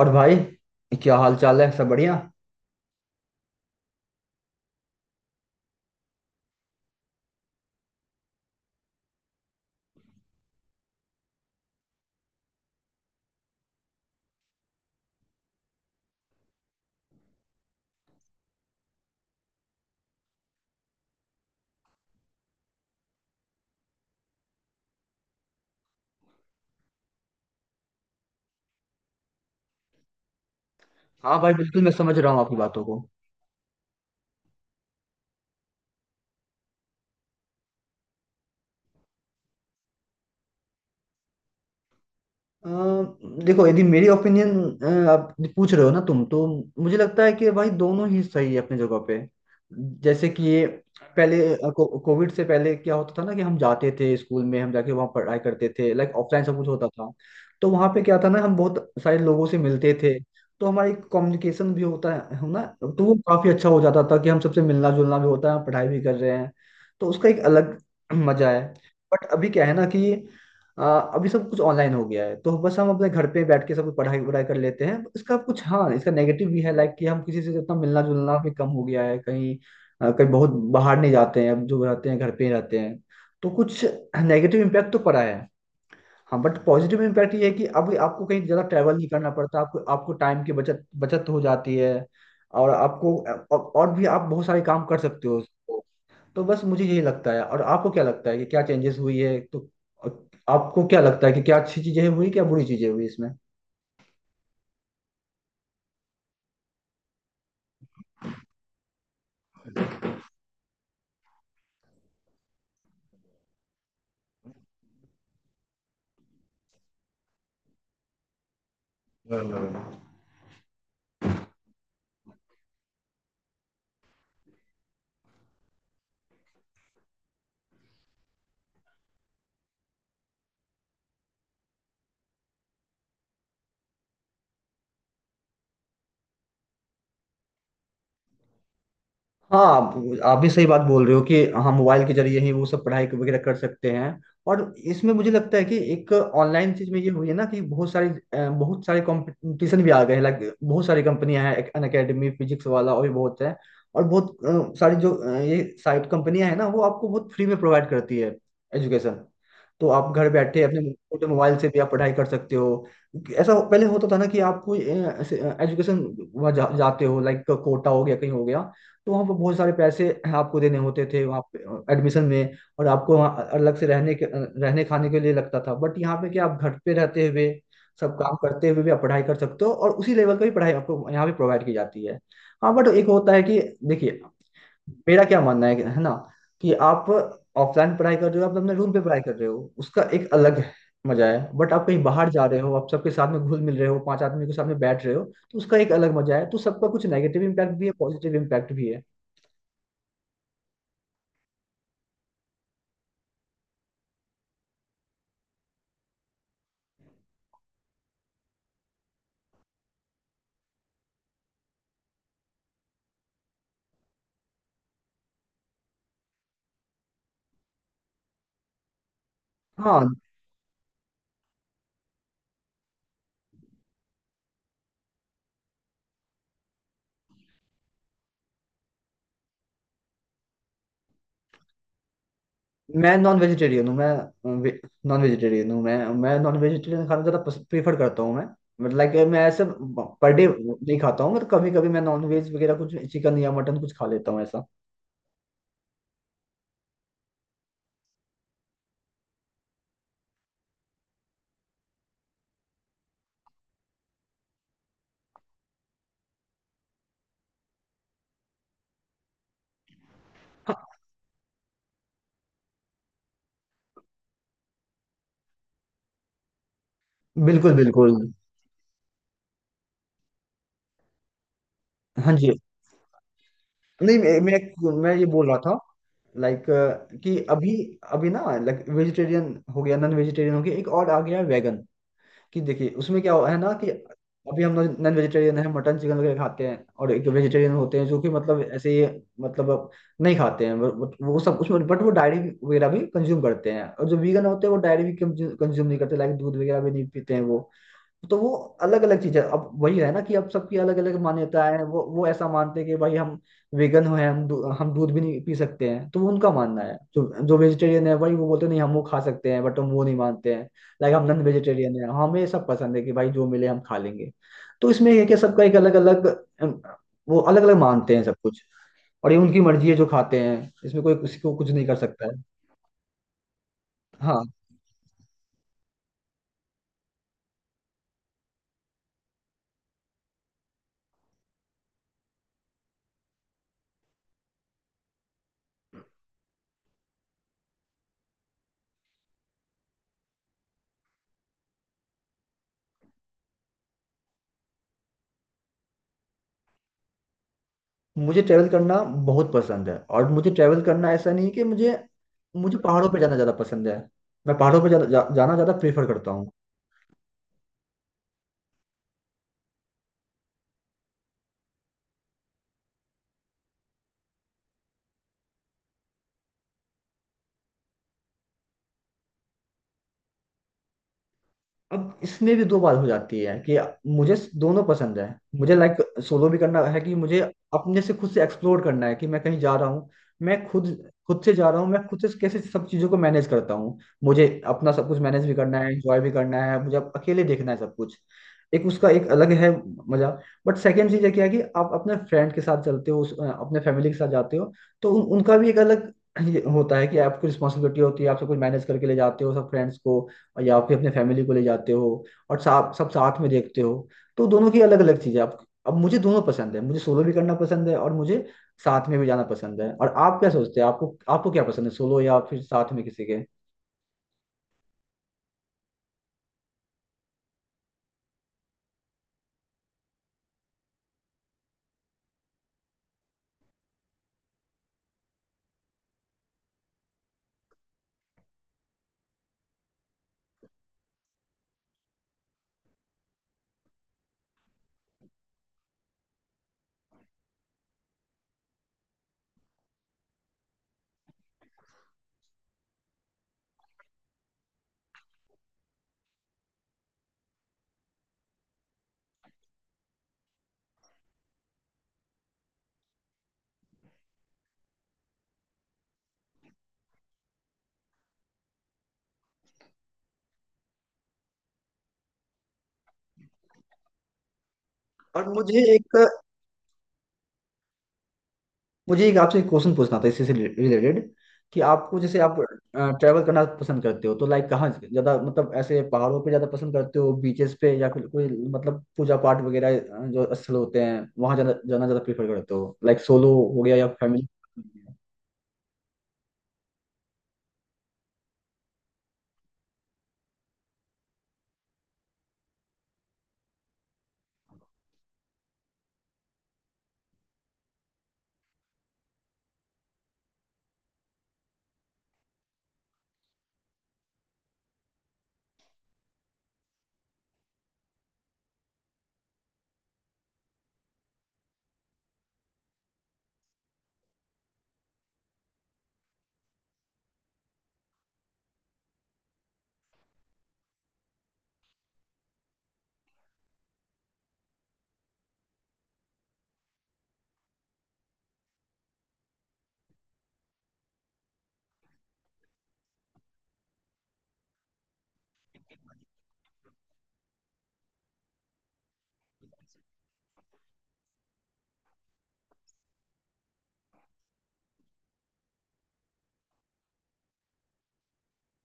और भाई, क्या हाल चाल है? सब बढ़िया। हाँ भाई, बिल्कुल मैं समझ रहा हूँ आपकी बातों को। अ, देखो, यदि मेरी ओपिनियन आप पूछ रहे हो ना तुम तो मुझे लगता है कि भाई दोनों ही सही है अपनी जगह पे। जैसे कि ये पहले कोविड से पहले क्या होता था ना कि हम जाते थे स्कूल में, हम जाके वहाँ पढ़ाई करते थे, लाइक ऑफलाइन सब कुछ होता था। तो वहाँ पे क्या था ना, हम बहुत सारे लोगों से मिलते थे। तो हमारी कम्युनिकेशन भी होता है ना? तो वो काफी अच्छा हो जाता था कि हम सबसे मिलना जुलना भी होता है, पढ़ाई भी कर रहे हैं। तो उसका एक अलग मजा है। बट अभी क्या है ना कि अभी सब कुछ ऑनलाइन हो गया है, तो बस हम अपने घर पे बैठ के सब कुछ पढ़ाई वढ़ाई कर लेते हैं। इसका कुछ हाँ, इसका नेगेटिव भी है, लाइक कि हम किसी से जितना मिलना जुलना भी कम हो गया है कहीं। कहीं बहुत बाहर नहीं जाते हैं अब, जो रहते हैं घर पे ही रहते हैं। तो कुछ नेगेटिव इम्पैक्ट तो पड़ा है। हाँ, बट पॉजिटिव इम्पैक्ट ये है कि अब आपको कहीं ज़्यादा ट्रैवल नहीं करना पड़ता। आपको आपको टाइम की बचत बचत हो जाती है और आपको और भी आप बहुत सारे काम कर सकते हो। तो बस मुझे यही लगता है। और आपको क्या लगता है कि क्या चेंजेस हुई है? तो आपको क्या लगता है कि क्या अच्छी चीजें हुई, क्या बुरी चीजें हुई इसमें? हाँ, आप भी सही बात बोल रहे हो कि हम मोबाइल के जरिए ही वो सब पढ़ाई वगैरह कर सकते हैं। और इसमें मुझे लगता है कि एक ऑनलाइन चीज में ये हुई है ना कि बहुत सारे बहुत सारे कंपटीशन भी आ गए हैं, लाइक बहुत सारी कंपनियां हैं, अन अकेडमी, फिजिक्स वाला, और भी बहुत है। और बहुत सारी जो ये साइट कंपनियां हैं ना, वो आपको बहुत फ्री में प्रोवाइड करती है एजुकेशन। तो आप घर बैठे अपने छोटे मोबाइल से भी आप पढ़ाई कर सकते हो। ऐसा पहले होता था ना कि आप कोई एजुकेशन जाते हो, लाइक कोटा हो गया, कहीं हो गया, तो वहाँ पर बहुत सारे पैसे आपको देने होते थे वहाँ पे एडमिशन में, और आपको वहाँ अलग से रहने के रहने खाने के लिए लगता था। बट यहाँ पे क्या, आप घर पे रहते हुए सब काम करते हुए भी आप पढ़ाई कर सकते हो, और उसी लेवल की भी पढ़ाई आपको यहाँ पे प्रोवाइड की जाती है। हाँ, बट एक होता है कि देखिए मेरा क्या मानना है कि- है ना कि आप ऑफलाइन पढ़ाई कर रहे हो, आप अपने रूम पे पढ़ाई कर रहे हो, उसका एक अलग मजा है। बट आप कहीं बाहर जा रहे हो, आप सबके साथ में घुल मिल रहे हो, पांच आदमी के साथ में बैठ रहे हो, तो उसका एक अलग मजा है। तो सबका कुछ नेगेटिव इम्पैक्ट भी है, पॉजिटिव इम्पैक्ट भी है। हाँ, मैं नॉन वेजिटेरियन हूँ। मैं नॉन वेजिटेरियन हूँ मैं, नॉन वेजिटेरियन खाना ज़्यादा प्रेफर करता हूँ मैं। मतलब लाइक मैं ऐसे पर डे नहीं खाता हूँ, मतलब कभी कभी मैं नॉन वेज वगैरह, कुछ चिकन या मटन कुछ खा लेता हूँ ऐसा। बिल्कुल बिल्कुल। हाँ जी, नहीं, मैं ये बोल रहा था लाइक कि अभी अभी ना, लाइक वेजिटेरियन हो गया, नॉन वेजिटेरियन हो गया, एक और आ गया वेगन। कि देखिए उसमें क्या हो- है ना कि अभी हम नॉन वेजिटेरियन है, मटन चिकन वगैरह खाते हैं, और एक वेजिटेरियन होते हैं जो कि मतलब ऐसे ही मतलब नहीं खाते हैं, बट वो सब उसमें, बट वो डायरी वगैरह भी कंज्यूम करते हैं। और जो वीगन होते हैं, वो डायरी भी कंज्यूम नहीं करते, लाइक दूध वगैरह भी नहीं पीते हैं वो। तो वो अलग अलग चीज है। अब वही है ना कि अब सबकी अलग अलग मान्यताएं हैं। वो ऐसा मानते हैं कि भाई हम वेगन हैं, हम दूध भी नहीं पी सकते हैं, तो वो उनका मानना है। जो जो वेजिटेरियन है भाई, वो बोलते हैं, नहीं हम वो खा सकते हैं, बट हम वो नहीं मानते हैं, लाइक हम नॉन वेजिटेरियन है, हमें सब पसंद है कि भाई जो मिले हम खा लेंगे। तो इसमें ये है कि सबका एक अलग अलग वो, अलग अलग मानते हैं सब कुछ। और ये उनकी मर्जी है जो खाते हैं, इसमें कोई किसी को कुछ नहीं कर सकता है। हाँ, मुझे ट्रैवल करना बहुत पसंद है, और मुझे ट्रैवल करना ऐसा नहीं कि मुझे मुझे पहाड़ों पे जाना ज़्यादा पसंद है। मैं पहाड़ों पे जा, जा, जाना ज़्यादा प्रेफर करता हूँ। अब इसमें भी दो बात हो जाती है कि मुझे दोनों पसंद है। मुझे लाइक सोलो भी करना है कि मुझे अपने से खुद से एक्सप्लोर करना है कि मैं कहीं जा रहा हूँ, मैं खुद खुद से जा रहा हूँ, मैं खुद से कैसे सब चीज़ों को मैनेज करता हूँ। मुझे अपना सब कुछ मैनेज भी करना है, एंजॉय भी करना है, मुझे अब अकेले देखना है सब कुछ। एक उसका एक अलग है मजा। बट सेकेंड चीज़ है क्या है कि आप अपने फ्रेंड के साथ चलते हो, अपने फैमिली के साथ जाते हो, तो उनका भी एक अलग ये होता है कि आपको रिस्पॉन्सिबिलिटी होती है, आप सब कुछ मैनेज करके ले जाते हो सब फ्रेंड्स को या फिर अपने फैमिली को ले जाते हो, और साथ सब साथ में देखते हो। तो दोनों की अलग अलग चीजें। अब मुझे दोनों पसंद है, मुझे सोलो भी करना पसंद है और मुझे साथ में भी जाना पसंद है। और आप क्या सोचते हैं, आपको आपको क्या पसंद है, सोलो या फिर साथ में किसी के? और मुझे एक आपसे एक क्वेश्चन पूछना था इसी से रिलेटेड, कि आपको जैसे आप ट्रैवल करना पसंद करते हो तो लाइक कहाँ ज्यादा, मतलब ऐसे पहाड़ों पे ज्यादा पसंद करते हो, बीचेस पे, या फिर कोई मतलब पूजा पाठ वगैरह जो स्थल होते हैं वहां जाना जाना ज्यादा प्रेफर करते हो? लाइक सोलो हो गया या फैमिली?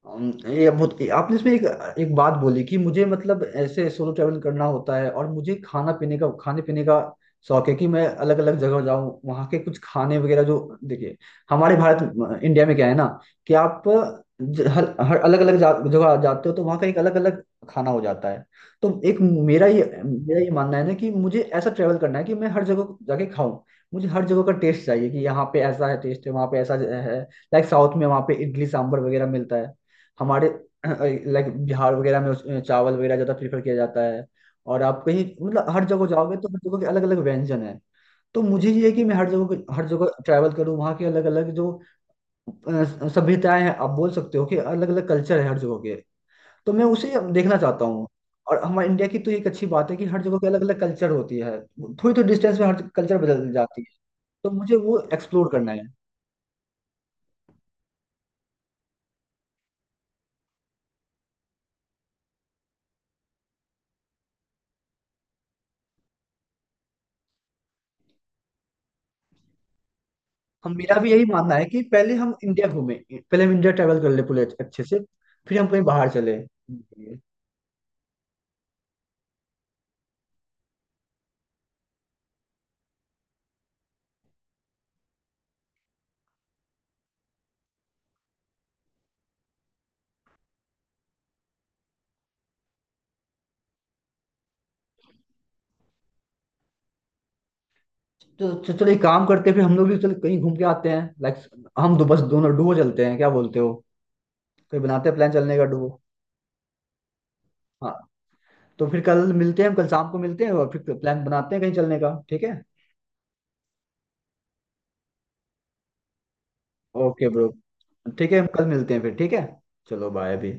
ये बहुत आपने इसमें एक एक बात बोली कि मुझे मतलब ऐसे सोलो ट्रैवल करना होता है, और मुझे खाना पीने का खाने पीने का शौक है कि मैं अलग अलग जगह जाऊं, वहां के कुछ खाने वगैरह जो, देखिए हमारे भारत इंडिया में क्या है ना कि आप ज- हर हर अलग अलग जगह जाते हो, तो वहां का एक अलग अलग खाना हो जाता है। तो एक मेरा ये मानना है ना कि मुझे ऐसा ट्रैवल करना है कि मैं हर जगह जाके खाऊं। मुझे हर जगह का टेस्ट चाहिए कि यहाँ पे ऐसा है टेस्ट है, वहाँ पे ऐसा है। लाइक साउथ में वहाँ पे इडली सांभर वगैरह मिलता है, हमारे लाइक बिहार वगैरह में चावल वगैरह ज्यादा प्रेफर किया जाता है। और आप कहीं मतलब हर जगह जाओगे तो हर जगह के अलग अलग व्यंजन है। तो मुझे ये है कि मैं हर जगह ट्रैवल करूँ, वहाँ के अलग अलग जो सभ्यताएं हैं, आप बोल सकते हो कि अलग अलग कल्चर है हर जगह के, तो मैं उसे देखना चाहता हूँ। और हमारे इंडिया की तो एक अच्छी बात है कि हर जगह की अलग अलग कल्चर होती है, थोड़ी थोड़ी डिस्टेंस में हर कल्चर बदल जाती है। तो मुझे वो एक्सप्लोर करना है। हम, मेरा भी यही मानना है कि पहले हम इंडिया घूमें, पहले हम इंडिया ट्रैवल कर ले पूरे अच्छे अच्छे से, फिर हम कहीं बाहर चले। तो चलो एक काम करते हैं, फिर हम लोग भी चलो कहीं घूम के आते हैं, लाइक हम दो बस दोनों डुओ चलते हैं, क्या बोलते हो? कहीं बनाते हैं प्लान चलने का, डुओ। हाँ, तो फिर कल मिलते हैं, हम कल शाम को मिलते हैं और फिर प्लान बनाते हैं कहीं चलने का, ठीक है? ओके ब्रो, ठीक है, हम कल मिलते हैं फिर, ठीक है, चलो बाय अभी।